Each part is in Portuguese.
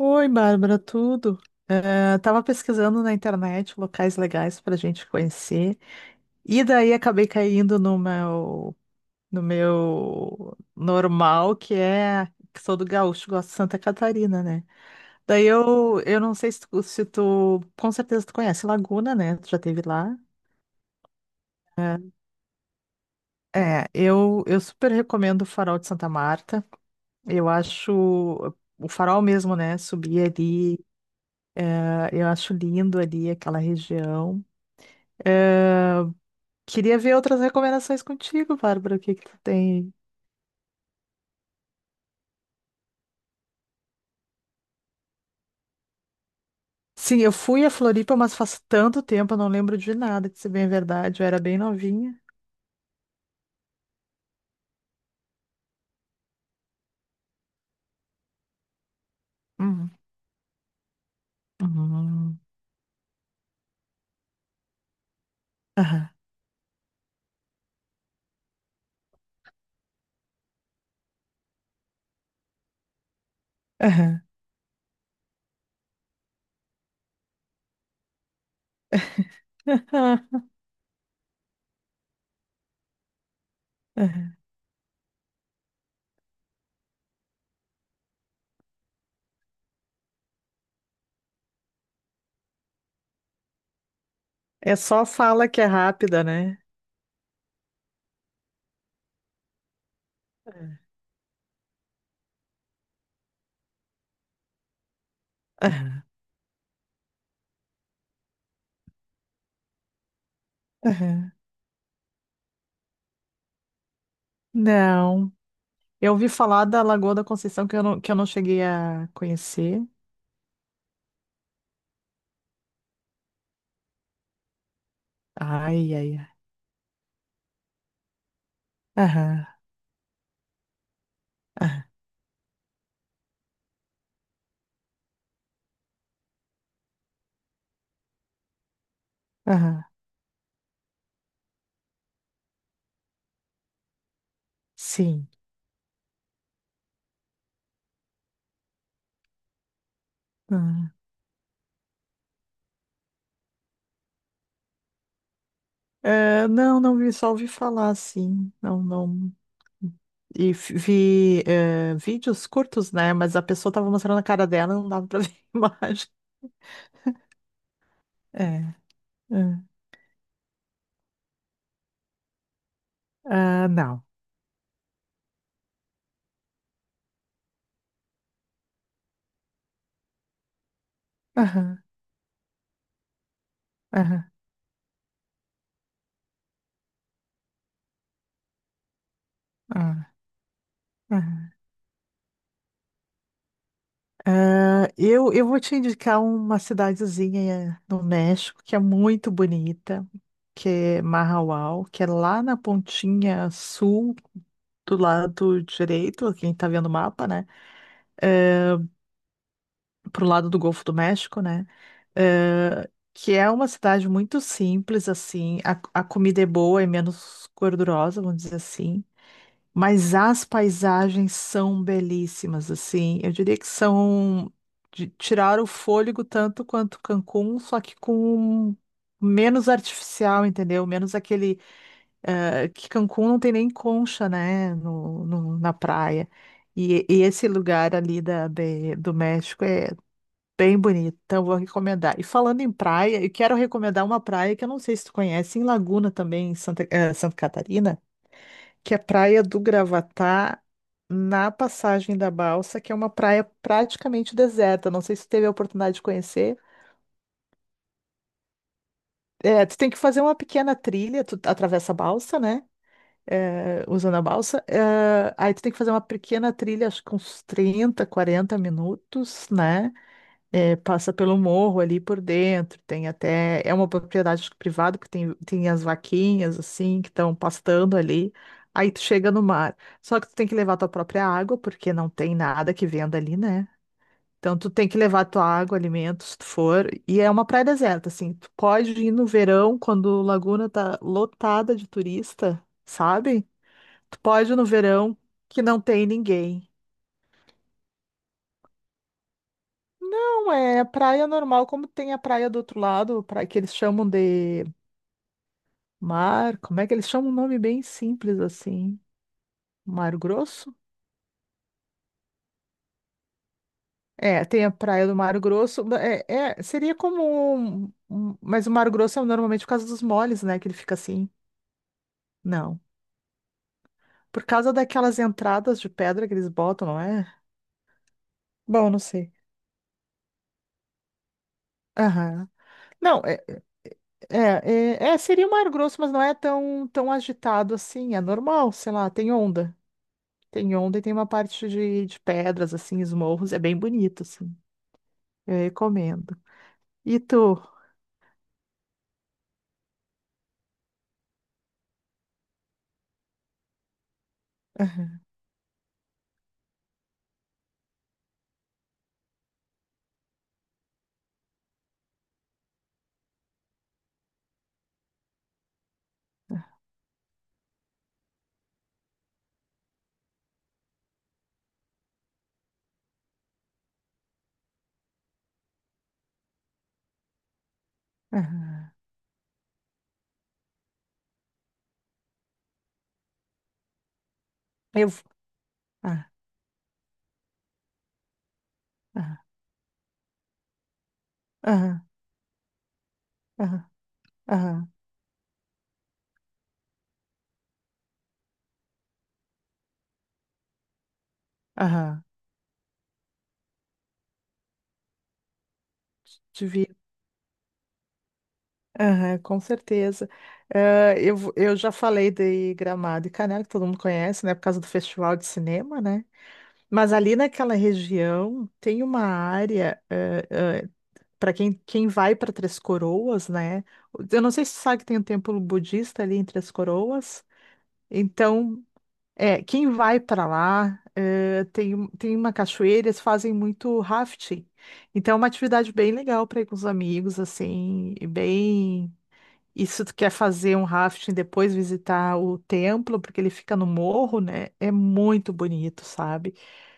Oi, Bárbara, tudo? Tava pesquisando na internet locais legais para gente conhecer e daí acabei caindo no meu normal, que é que sou do Gaúcho, gosto de Santa Catarina, né? Daí eu não sei se tu, se tu, com certeza tu conhece Laguna, né? Tu já esteve lá? Eh, eu super recomendo o Farol de Santa Marta. Eu acho o farol mesmo, né? Subir ali, eu acho lindo ali aquela região. Ah, queria ver outras recomendações contigo, Bárbara. O que que tu tem? Sim, eu fui a Floripa, mas faz tanto tempo, eu não lembro de nada, de ser bem verdade. Eu era bem novinha. Uhum, uhum, aham, aham, aham. É só fala que é rápida, né? Aham, aham. Não. Eu ouvi falar da Lagoa da Conceição que eu não cheguei a conhecer. Ai, ai, ai. Aham, aham, aham. Sim. É, não, não vi, só ouvi falar assim. Não, não. E vi é, vídeos curtos, né? Mas a pessoa tava mostrando a cara dela, não dava pra ver a imagem. É, é. Ah, não. Aham, aham, aham, aham. Ah, eu vou te indicar uma cidadezinha no México que é muito bonita, que é Mahahual, que é lá na pontinha sul do lado direito, quem tá vendo o mapa, né? É, pro lado do Golfo do México, né? Que é uma cidade muito simples, assim. A comida é boa, é menos gordurosa, vamos dizer assim. Mas as paisagens são belíssimas, assim. Eu diria que são de tirar o fôlego tanto quanto Cancún, só que com menos artificial, entendeu? Menos aquele que Cancún não tem nem concha, né, na praia. E esse lugar ali do México é bem bonita, então eu vou recomendar. E falando em praia, eu quero recomendar uma praia que eu não sei se tu conhece, em Laguna também, em Santa Catarina, que é a Praia do Gravatá, na Passagem da Balsa, que é uma praia praticamente deserta. Não sei se tu teve a oportunidade de conhecer. É, tu tem que fazer uma pequena trilha, tu atravessa a balsa, né? É, usando a balsa. É, aí tu tem que fazer uma pequena trilha, acho que uns 30 40 minutos, né? É, passa pelo morro ali por dentro, tem até. É uma propriedade acho que privada, porque tem as vaquinhas, assim, que estão pastando ali. Aí tu chega no mar. Só que tu tem que levar tua própria água, porque não tem nada que venda ali, né? Então tu tem que levar tua água, alimentos, se tu for. E é uma praia deserta, assim. Tu pode ir no verão, quando Laguna tá lotada de turista, sabe? Tu pode ir no verão que não tem ninguém. Não, é praia normal, como tem a praia do outro lado, praia que eles chamam de mar, como é que eles chamam um nome bem simples assim? Mar Grosso? É, tem a praia do Mar Grosso, seria como mas o Mar Grosso é normalmente por causa dos moles, né, que ele fica assim. Não, por causa daquelas entradas de pedra que eles botam, não é? Bom, não sei. Aham. Não, é, é, seria o Mar Grosso, mas não é tão, tão agitado assim, é normal, sei lá, tem onda. Tem ontem, tem uma parte de pedras, assim, esmorros, é bem bonito, assim. Eu recomendo. E tu? Aham. Eu. vou- Ah, ah, ah, ah, ah, ah. Devia. Aham, com certeza. Ah, eu já falei de Gramado e Canela, que todo mundo conhece, né? Por causa do festival de cinema, né? Mas ali naquela região tem uma área, para quem vai para Três Coroas, né? Eu não sei se tu sabe que tem um templo budista ali em Três Coroas. Então, é, quem vai para lá, tem uma cachoeira, eles fazem muito rafting. Então, é uma atividade bem legal para ir com os amigos, assim, e bem. E se tu quer fazer um rafting depois visitar o templo, porque ele fica no morro, né? É muito bonito, sabe?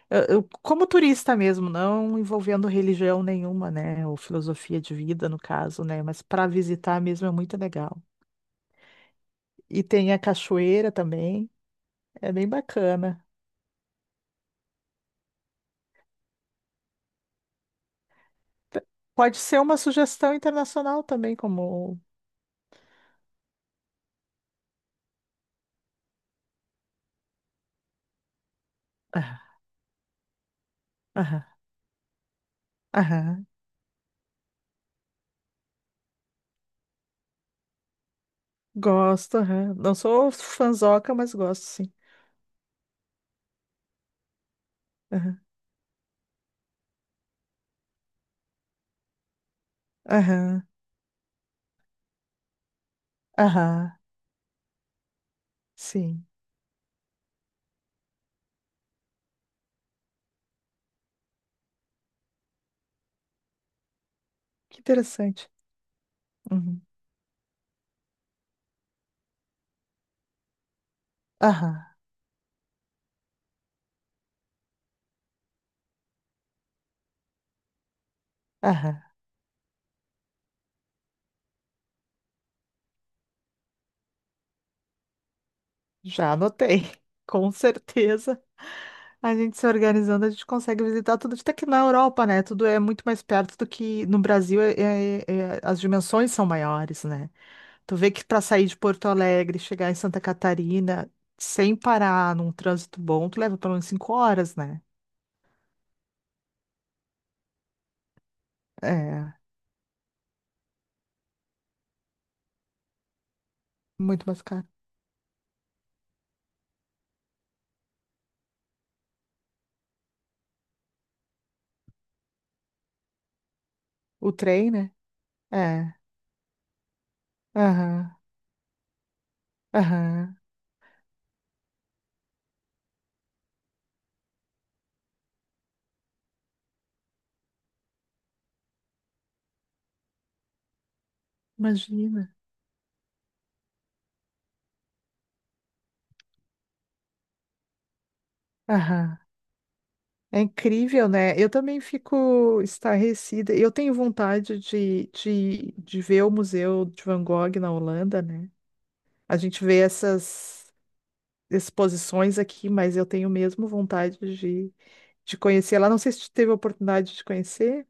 Como turista mesmo, não envolvendo religião nenhuma, né? Ou filosofia de vida, no caso, né? Mas para visitar mesmo é muito legal. E tem a cachoeira também, é bem bacana. Pode ser uma sugestão internacional também, como. Aham, aham, aham. Gosto, aham. Não sou fanzoca, mas gosto, sim. Aham, aham, aham, sim. Que interessante. Uhum. Aham, aham. Já anotei. Com certeza. A gente se organizando, a gente consegue visitar tudo. Até que na Europa, né? Tudo é muito mais perto do que no Brasil, as dimensões são maiores, né? Tu vê que para sair de Porto Alegre, e chegar em Santa Catarina, sem parar num trânsito bom, tu leva pelo menos 5 horas, né? É, muito mais caro. O trem, né? É. Aham, aham. Imagina. Aham. É incrível, né? Eu também fico estarrecida. Eu tenho vontade de ver o Museu de Van Gogh na Holanda, né? A gente vê essas exposições aqui, mas eu tenho mesmo vontade de conhecer lá. Não sei se tu teve a oportunidade de conhecer.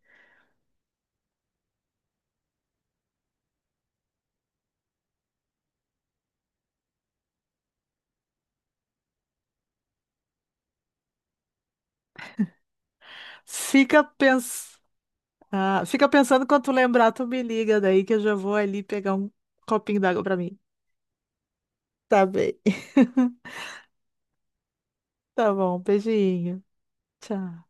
Fica, pens... Fica pensando quando tu lembrar, tu me liga daí que eu já vou ali pegar um copinho d'água pra mim. Tá bem. Tá bom, beijinho. Tchau.